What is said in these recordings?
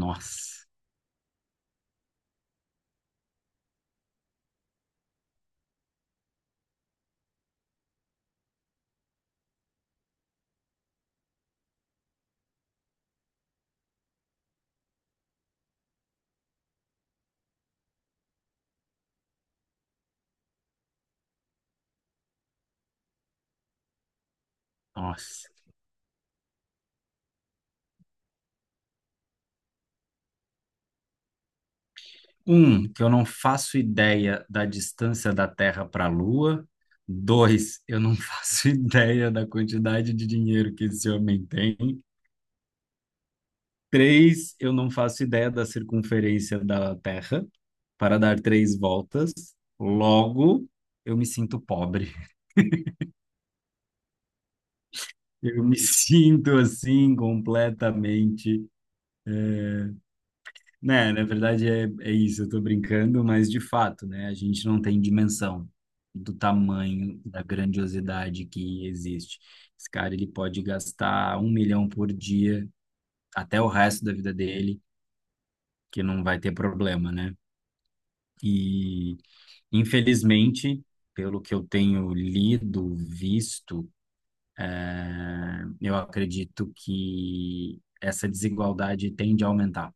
Nossa, nossa. Um, que eu não faço ideia da distância da Terra para a Lua. Dois, eu não faço ideia da quantidade de dinheiro que esse homem tem. Três, eu não faço ideia da circunferência da Terra para dar três voltas. Logo, eu me sinto pobre. Eu me sinto assim completamente. Né, na verdade é isso, eu tô brincando, mas de fato, né, a gente não tem dimensão do tamanho, da grandiosidade que existe. Esse cara, ele pode gastar 1 milhão por dia até o resto da vida dele, que não vai ter problema, né? E, infelizmente, pelo que eu tenho lido, visto, eu acredito que essa desigualdade tende a aumentar.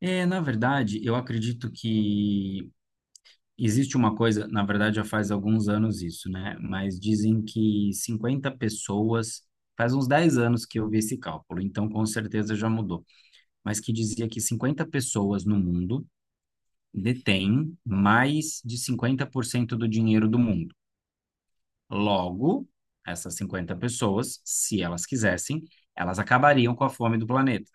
É, na verdade, eu acredito que existe uma coisa, na verdade já faz alguns anos isso, né? Mas dizem que 50 pessoas, faz uns 10 anos que eu vi esse cálculo, então com certeza já mudou, mas que dizia que 50 pessoas no mundo detêm mais de 50% do dinheiro do mundo. Logo, essas 50 pessoas, se elas quisessem, elas acabariam com a fome do planeta,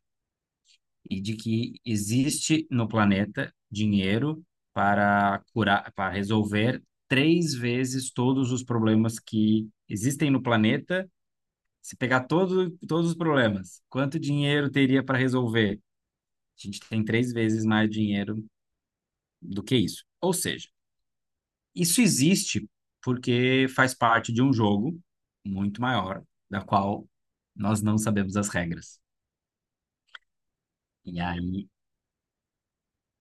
e de que existe no planeta dinheiro para curar, para resolver três vezes todos os problemas que existem no planeta. Se pegar todos os problemas, quanto dinheiro teria para resolver? A gente tem três vezes mais dinheiro do que isso. Ou seja, isso existe porque faz parte de um jogo muito maior, da qual nós não sabemos as regras. E aí,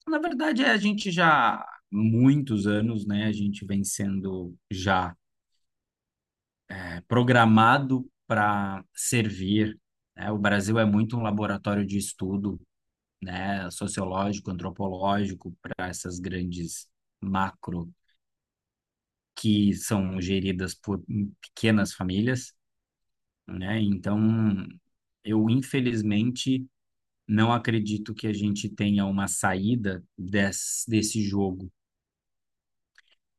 na verdade, é, a gente já há muitos anos, né? A gente vem sendo já, é, programado para servir, né? O Brasil é muito um laboratório de estudo, né? Sociológico, antropológico, para essas grandes macro que são geridas por pequenas famílias, né? Então, eu infelizmente não acredito que a gente tenha uma saída desse jogo,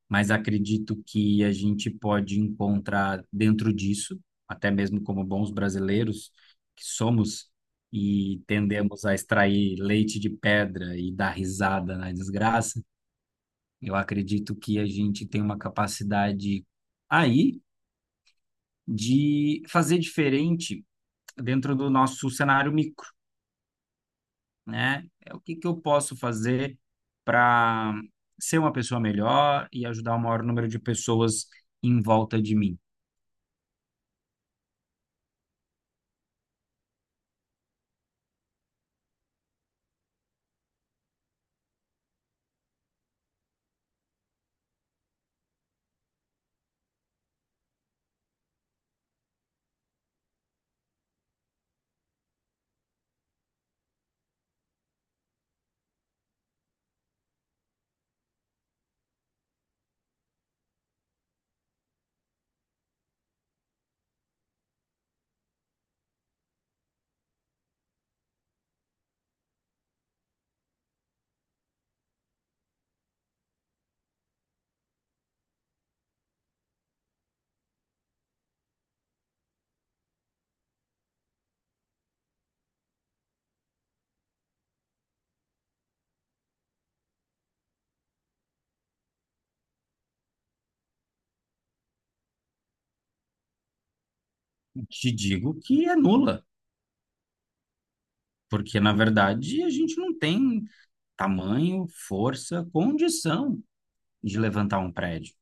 mas acredito que a gente pode encontrar dentro disso, até mesmo como bons brasileiros que somos e tendemos a extrair leite de pedra e dar risada na desgraça, eu acredito que a gente tem uma capacidade aí de fazer diferente dentro do nosso cenário micro, né? É o que que eu posso fazer para ser uma pessoa melhor e ajudar o maior número de pessoas em volta de mim. Te digo que é nula, porque na verdade a gente não tem tamanho, força, condição de levantar um prédio.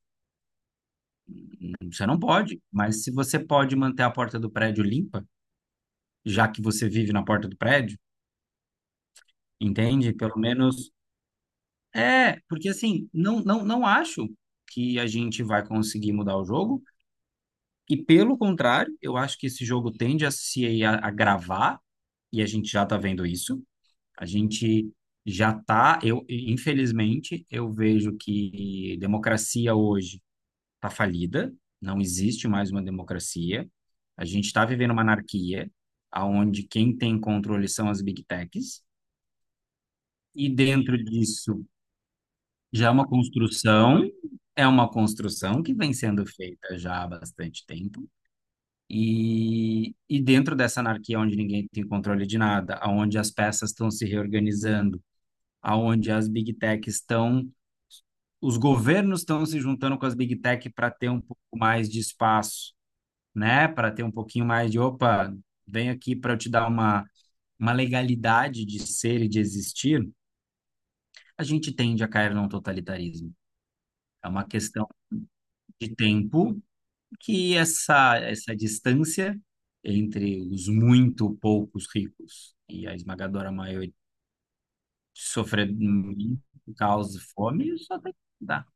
Você não pode, mas se você pode manter a porta do prédio limpa, já que você vive na porta do prédio, entende? Pelo menos é, porque assim, não acho que a gente vai conseguir mudar o jogo, e pelo contrário, eu acho que esse jogo tende a se agravar e a gente já está vendo isso. A gente já está, eu, infelizmente, eu vejo que democracia hoje está falida, não existe mais uma democracia. A gente está vivendo uma anarquia, aonde quem tem controle são as big techs, e dentro disso já é uma construção que vem sendo feita já há bastante tempo. E dentro dessa anarquia onde ninguém tem controle de nada, aonde as peças estão se reorganizando, aonde as big techs estão, os governos estão se juntando com as big tech para ter um pouco mais de espaço, né? Para ter um pouquinho mais de, opa, vem aqui para eu te dar uma legalidade de ser e de existir, a gente tende a cair num totalitarismo. É uma questão de tempo que essa distância entre os muito poucos ricos e a esmagadora maioria sofrendo por causa de fome, só tem que mudar.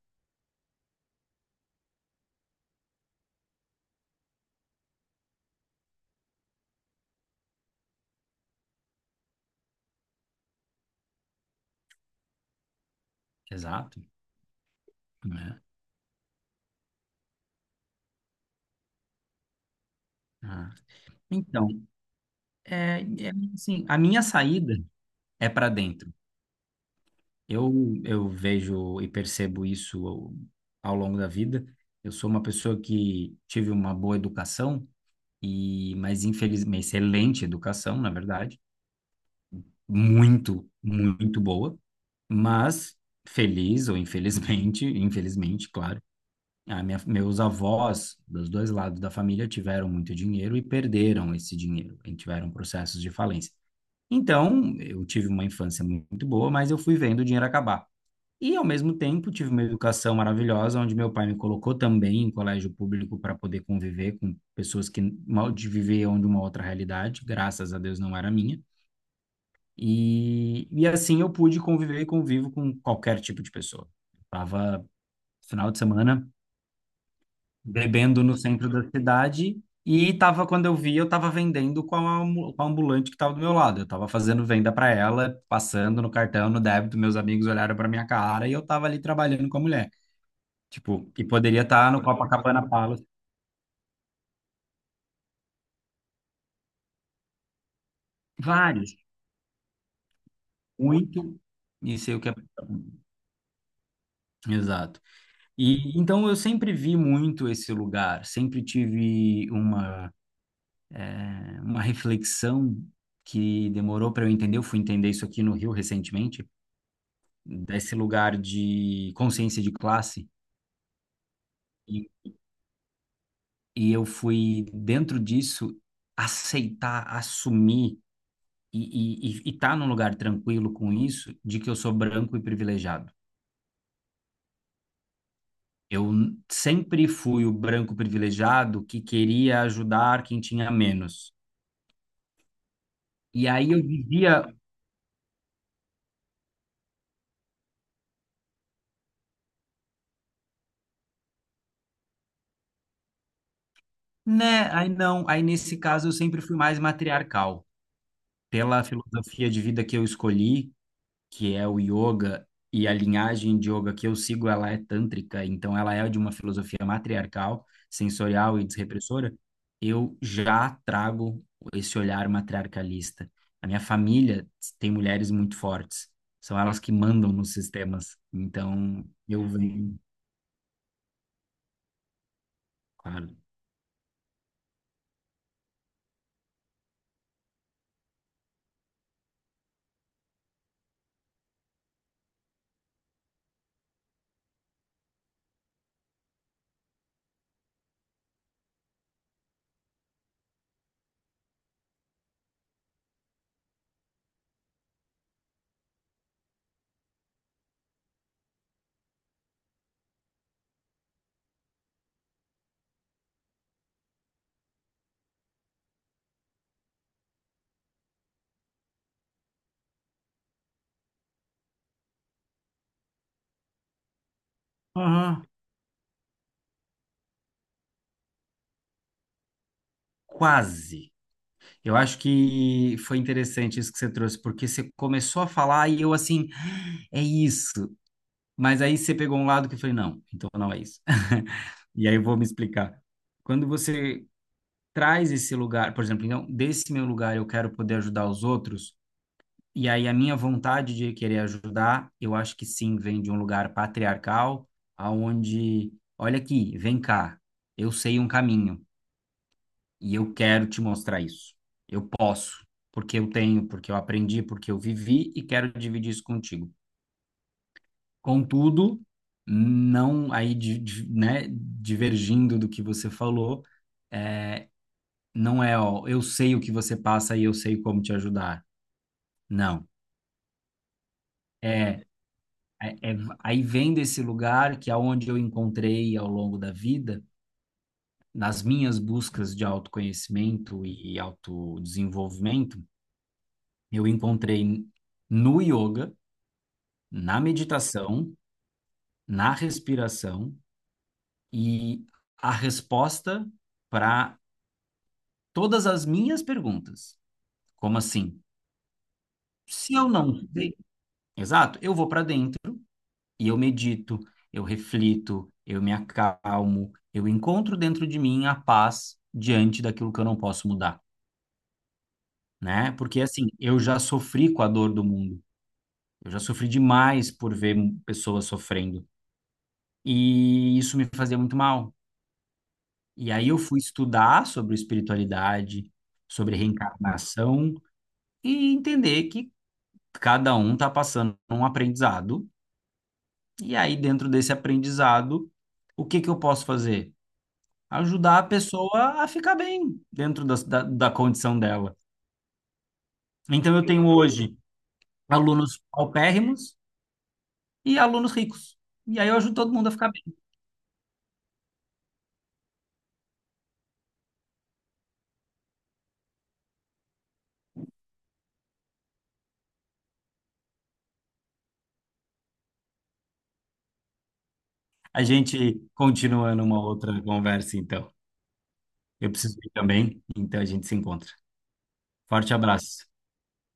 Exato, né? Ah. Então, é, é, assim, a minha saída é para dentro. Eu, eu vejo e percebo isso ao, ao longo da vida. Eu sou uma pessoa que tive uma boa educação e, mas infelizmente, excelente educação, na verdade, muito, muito boa. Mas feliz ou infelizmente, infelizmente, claro, a minha, meus avós dos dois lados da família tiveram muito dinheiro e perderam esse dinheiro, e tiveram processos de falência. Então, eu tive uma infância muito boa, mas eu fui vendo o dinheiro acabar. E, ao mesmo tempo, tive uma educação maravilhosa, onde meu pai me colocou também em colégio público para poder conviver com pessoas que mal de viviam de uma outra realidade, graças a Deus não era a minha. E assim eu pude conviver e convivo com qualquer tipo de pessoa. Tava final de semana bebendo no centro da cidade. E tava, quando eu vi, eu tava vendendo com a, com a ambulante que tava do meu lado. Eu tava fazendo venda para ela, passando no cartão, no débito. Meus amigos olharam para minha cara e eu tava ali trabalhando com a mulher. Tipo, e poderia estar no Copacabana Palace. Vários, muito. E sei o que é. Exato. E então eu sempre vi muito esse lugar, sempre tive uma, uma reflexão que demorou para eu entender. Eu fui entender isso aqui no Rio recentemente, desse lugar de consciência de classe e, e eu fui dentro disso aceitar, assumir e, estar e tá num lugar tranquilo com isso de que eu sou branco e privilegiado. Eu sempre fui o branco privilegiado que queria ajudar quem tinha menos. E aí eu vivia, né? Aí não, aí nesse caso eu sempre fui mais matriarcal. Pela filosofia de vida que eu escolhi, que é o yoga, e a linhagem de yoga que eu sigo, ela é tântrica, então ela é de uma filosofia matriarcal, sensorial e desrepressora, eu já trago esse olhar matriarcalista. A minha família tem mulheres muito fortes, são elas que mandam nos sistemas, então eu venho, claro. Ah, quase. Eu acho que foi interessante isso que você trouxe, porque você começou a falar e eu assim, "Ah, é isso. Mas aí você pegou um lado que eu falei, não, então não é isso." E aí eu vou me explicar. Quando você traz esse lugar, por exemplo, então, desse meu lugar eu quero poder ajudar os outros, e aí a minha vontade de querer ajudar, eu acho que sim, vem de um lugar patriarcal, aonde, olha aqui, vem cá, eu sei um caminho e eu quero te mostrar isso. Eu posso, porque eu tenho, porque eu aprendi, porque eu vivi e quero dividir isso contigo. Contudo, não aí né, divergindo do que você falou, é, não é, ó, eu sei o que você passa e eu sei como te ajudar. Não. É, é, é- aí vem desse lugar que aonde eu encontrei ao longo da vida, nas minhas buscas de autoconhecimento e autodesenvolvimento, eu encontrei no yoga, na meditação, na respiração e a resposta para todas as minhas perguntas. Como assim? Se eu não sei, exato, eu vou para dentro e eu medito, eu reflito, eu me acalmo, eu encontro dentro de mim a paz diante daquilo que eu não posso mudar, né? Porque assim, eu já sofri com a dor do mundo. Eu já sofri demais por ver pessoas sofrendo e isso me fazia muito mal. E aí eu fui estudar sobre espiritualidade, sobre reencarnação e entender que cada um está passando um aprendizado, e aí dentro desse aprendizado, o que que eu posso fazer? Ajudar a pessoa a ficar bem dentro da condição dela. Então eu tenho hoje alunos paupérrimos e alunos ricos. E aí eu ajudo todo mundo a ficar bem. A gente continua numa outra conversa, então. Eu preciso ir também, então a gente se encontra. Forte abraço.